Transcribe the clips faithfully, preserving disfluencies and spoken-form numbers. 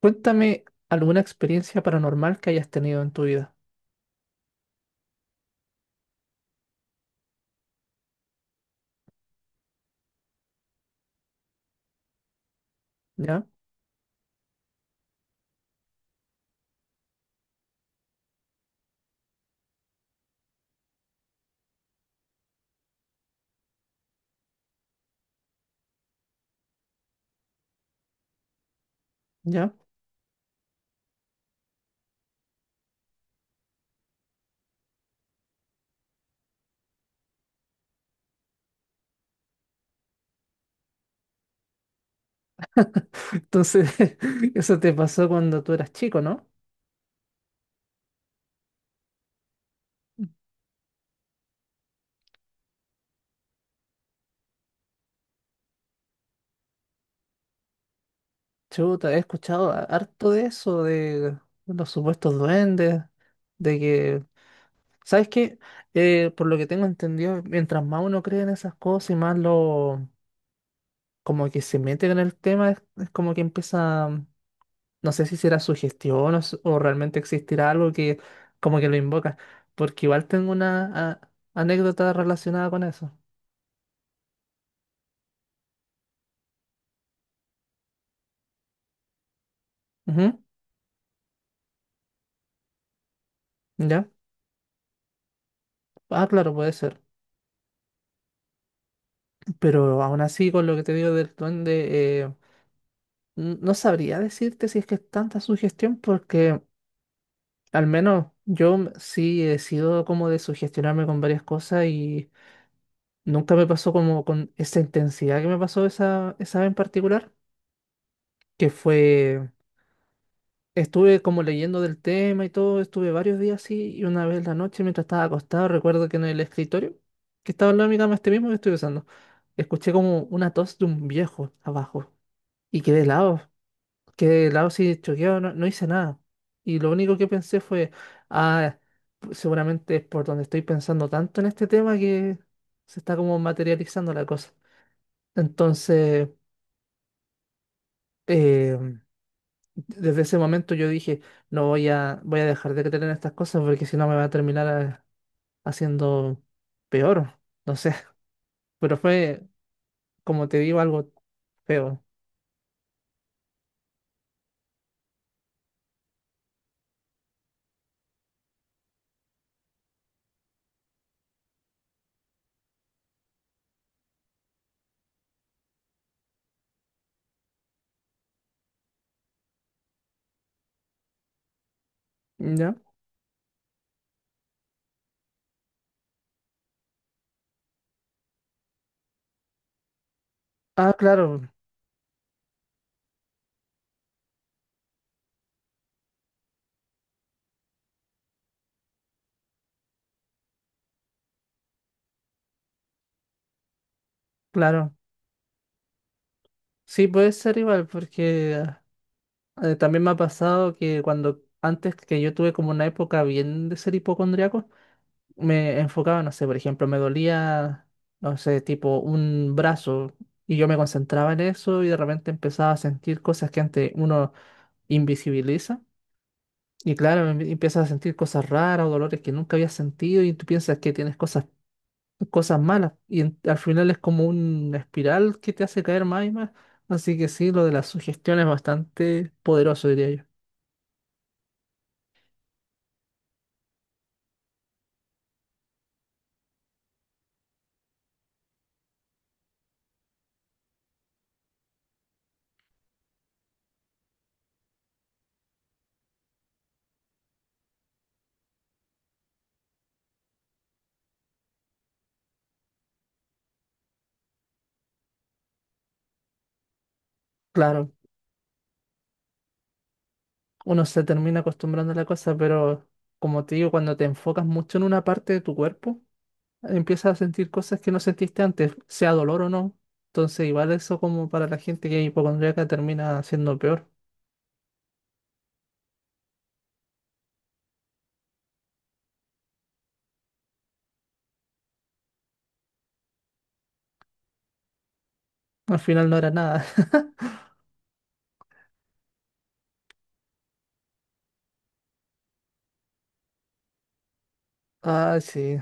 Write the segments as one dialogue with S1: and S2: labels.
S1: Cuéntame alguna experiencia paranormal que hayas tenido en tu vida. ¿Ya? ¿Ya? Entonces, eso te pasó cuando tú eras chico, ¿no? Chuta, he escuchado a- harto de eso, de los supuestos duendes, de que, ¿sabes qué? Eh, por lo que tengo entendido, mientras más uno cree en esas cosas y más lo, como que se mete en el tema, es, es como que empieza. No sé si será sugestión o, s- o realmente existirá algo que como que lo invoca, porque igual tengo una a- anécdota relacionada con eso. Ujú. ¿Ya? Ah, claro, puede ser. Pero aún así, con lo que te digo del duende, eh, n- no sabría decirte si es que es tanta sugestión, porque al menos yo m- sí he sido como de sugestionarme con varias cosas y nunca me pasó como con esa intensidad que me pasó esa, esa vez en particular, que fue. Estuve como leyendo del tema y todo, estuve varios días así y una vez en la noche mientras estaba acostado, recuerdo que en el escritorio, que estaba al lado de mi cama este mismo que estoy usando, escuché como una tos de un viejo abajo y quedé helado, quedé helado así choqueado, no, no hice nada. Y lo único que pensé fue, ah, seguramente es por donde estoy pensando tanto en este tema que se está como materializando la cosa. Entonces, eh, desde ese momento yo dije, no voy a, voy a dejar de creer en estas cosas porque si no me va a terminar a- haciendo peor, no sé. Pero fue, como te digo, algo feo. ¿Ya? Ah, claro, claro. Sí, puede ser igual porque ah, eh, también me ha pasado que cuando antes que yo tuve como una época bien de ser hipocondriaco, me enfocaba, no sé, por ejemplo, me dolía, no sé, tipo un brazo y yo me concentraba en eso y de repente empezaba a sentir cosas que antes uno invisibiliza y claro, em- empiezas a sentir cosas raras o dolores que nunca habías sentido y tú piensas que tienes cosas, cosas malas y en- al final es como una espiral que te hace caer más y más. Así que sí, lo de la sugestión es bastante poderoso, diría yo. Claro, uno se termina acostumbrando a la cosa, pero como te digo, cuando te enfocas mucho en una parte de tu cuerpo, empiezas a sentir cosas que no sentiste antes, sea dolor o no. Entonces, igual eso como para la gente que es hipocondríaca termina siendo peor. Al final no era nada. Ah, sí.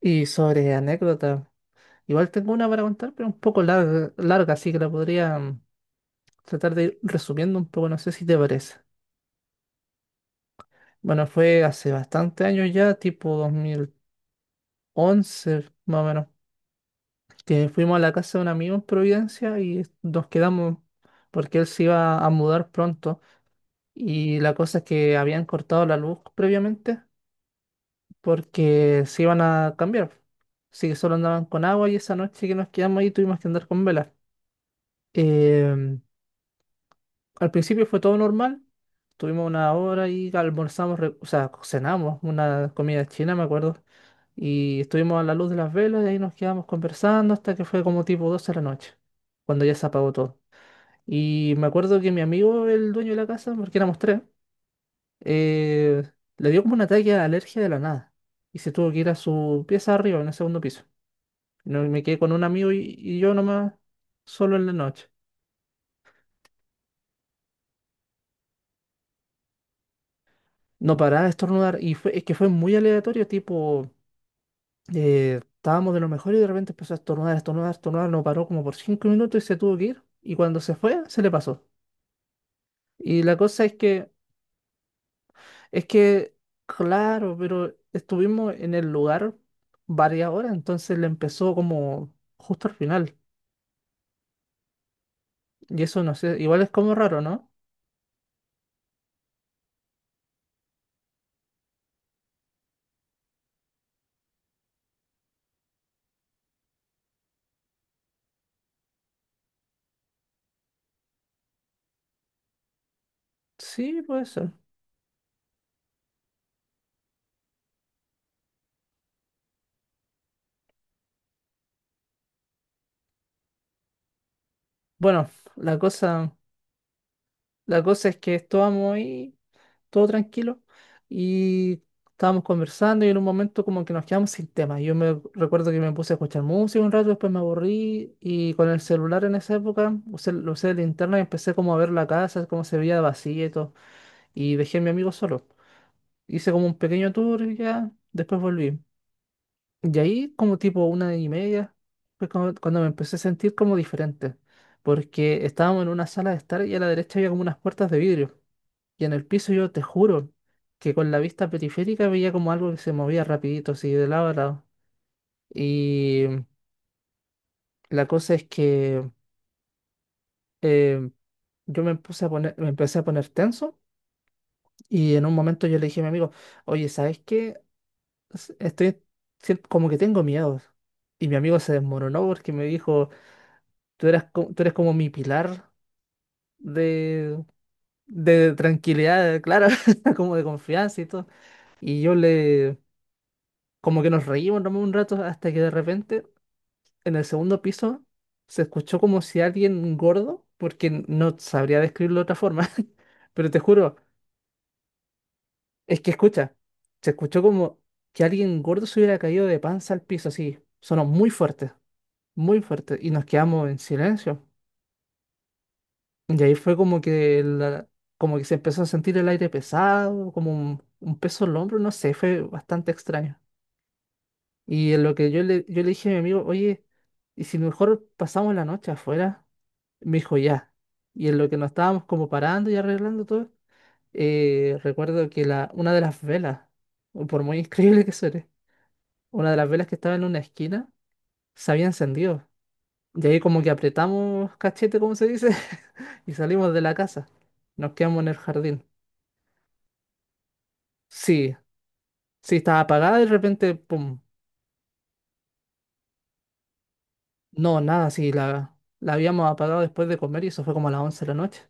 S1: Y sobre anécdota. Igual tengo una para contar, pero un poco larga, larga, así que la podría mm, tratar de ir resumiendo un poco, no sé si te parece. Bueno, fue hace bastante años ya, tipo dos mil once más o menos, que fuimos a la casa de un amigo en Providencia y nos quedamos porque él se iba a mudar pronto. Y la cosa es que habían cortado la luz previamente porque se iban a cambiar. Así que solo andaban con agua y esa noche que nos quedamos ahí tuvimos que andar con velas. Em, al principio fue todo normal. Tuvimos una hora y almorzamos, re- o sea, cenamos una comida china, me acuerdo. Y estuvimos a la luz de las velas y ahí nos quedamos conversando hasta que fue como tipo doce de la noche, cuando ya se apagó todo. Y me acuerdo que mi amigo, el dueño de la casa, porque éramos tres, eh, le dio como un ataque de alergia de la nada. Y se tuvo que ir a su pieza arriba, en el segundo piso. Y no- me quedé con un amigo y, y yo nomás, solo en la noche. No paraba de estornudar y fue, es que fue muy aleatorio, tipo, eh, estábamos de lo mejor y de repente empezó a estornudar, estornudar, estornudar, no paró como por cinco minutos y se tuvo que ir y cuando se fue se le pasó. Y la cosa es que, es que, claro, pero estuvimos en el lugar varias horas, entonces le empezó como justo al final y eso no sé, igual es como raro, ¿no? Sí, puede ser. Bueno, la cosa, la cosa es que estábamos ahí, todo tranquilo, y estábamos conversando y en un momento como que nos quedamos sin tema. Yo me recuerdo que me puse a escuchar música un rato, después me aburrí y con el celular en esa época usé, lo usé de linterna y empecé como a ver la casa, cómo se veía vacía y todo, y dejé a mi amigo solo. Hice como un pequeño tour y ya después volví. Y ahí como tipo una y media fue como- cuando me empecé a sentir como diferente, porque estábamos en una sala de estar y a la derecha había como unas puertas de vidrio. Y en el piso yo te juro que con la vista periférica veía como algo que se movía rapidito, así de lado a lado. Y la cosa es que eh, yo me puse a poner, me empecé a poner tenso y en un momento yo le dije a mi amigo, oye, ¿sabes qué? S- Estoy sien- como que tengo miedos. Y mi amigo se desmoronó porque me dijo, tú eras, co- tú eres como mi pilar de, de tranquilidad, claro, como de confianza y todo. Y yo le, como que nos reímos nomás un rato hasta que de repente en el segundo piso se escuchó como si alguien gordo, porque no sabría describirlo de otra forma, pero te juro, es que escucha, se escuchó como que alguien gordo se hubiera caído de panza al piso, así, sonó muy fuerte, muy fuerte, y nos quedamos en silencio. Y ahí fue como que, la- como que se empezó a sentir el aire pesado, como un, un peso en el hombro, no sé, fue bastante extraño. Y en lo que yo le, yo le dije a mi amigo, oye, ¿y si mejor pasamos la noche afuera? Me dijo, ya. Y en lo que nos estábamos como parando y arreglando todo, eh, recuerdo que la, una de las velas, o por muy increíble que suene, una de las velas que estaba en una esquina se había encendido. Y ahí como que apretamos cachete, como se dice, y salimos de la casa. Nos quedamos en el jardín. Sí, sí, estaba apagada y de repente, pum. No, nada, sí, la, la habíamos apagado después de comer y eso fue como a las once de la noche.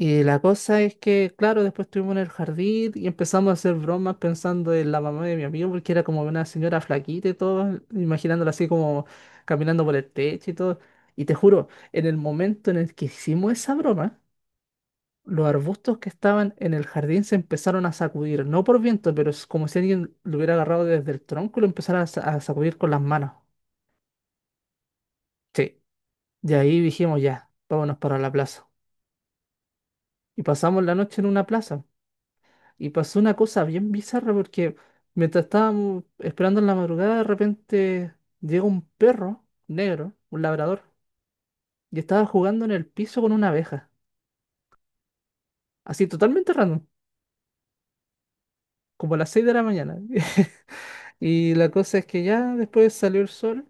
S1: Y la cosa es que, claro, después estuvimos en el jardín y empezamos a hacer bromas pensando en la mamá de mi amigo, porque era como una señora flaquita y todo, imaginándola así como caminando por el techo y todo. Y te juro, en el momento en el que hicimos esa broma, los arbustos que estaban en el jardín se empezaron a sacudir, no por viento, pero es como si alguien lo hubiera agarrado desde el tronco y lo empezara a sa- a sacudir con las manos. Sí, de ahí dijimos ya, vámonos para la plaza. Y pasamos la noche en una plaza. Y pasó una cosa bien bizarra porque mientras estábamos esperando en la madrugada, de repente llega un perro negro, un labrador, y estaba jugando en el piso con una abeja. Así totalmente random, como a las seis de la mañana. Y la cosa es que ya después salió el sol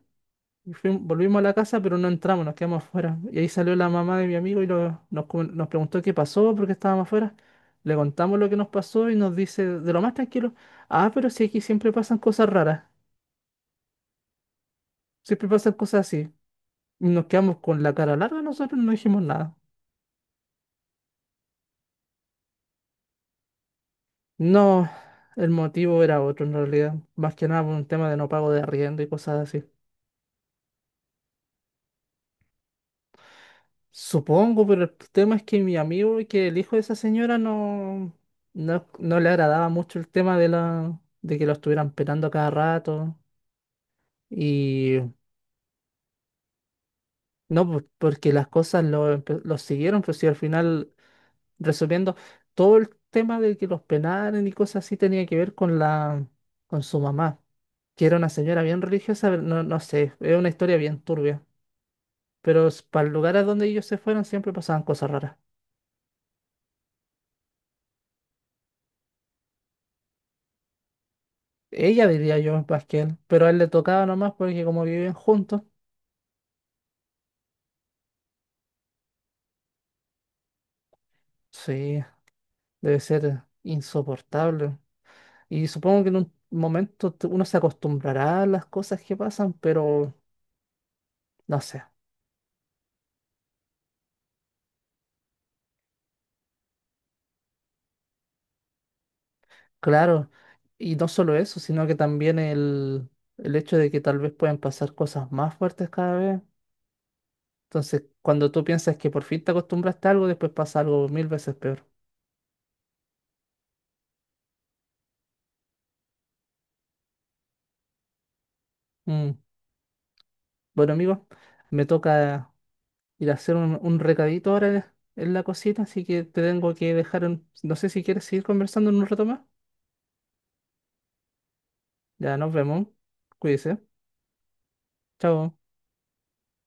S1: y fuimos- volvimos a la casa, pero no entramos, nos quedamos afuera. Y ahí salió la mamá de mi amigo y lo- nos, com- nos preguntó qué pasó, por qué estábamos afuera. Le contamos lo que nos pasó y nos dice de lo más tranquilo, ah, pero si aquí siempre pasan cosas raras. Siempre pasan cosas así. Y nos quedamos con la cara larga, nosotros no dijimos nada. No, el motivo era otro en realidad. Más que nada por un tema de no pago de arriendo y cosas así. Supongo, pero el tema es que mi amigo, que el hijo de esa señora, no, no, no le agradaba mucho el tema de la, de que lo estuvieran pelando a cada rato. Y no, por- porque las cosas lo, empe- lo siguieron, pero si al final, resolviendo, todo el tema de que los penaran y cosas así tenía que ver con la, con su mamá, que era una señora bien religiosa, pero no, no sé, es una historia bien turbia. Pero s- para el lugar a donde ellos se fueron siempre pasaban cosas raras. Ella diría yo más que él, pero a él le tocaba nomás porque como viven juntos, sí, debe ser insoportable. Y supongo que en un momento te- uno se acostumbrará a las cosas que pasan, pero no sé, claro. Y no solo eso, sino que también el, el hecho de que tal vez puedan pasar cosas más fuertes cada vez. Entonces, cuando tú piensas que por fin te acostumbraste a algo, después pasa algo mil veces peor. Mm. Bueno, amigos, me toca ir a hacer un, un recadito ahora en en la cocina, así que te tengo que dejar. en- No sé si quieres seguir conversando en un rato más. Ya nos vemos. Cuídese. Chao.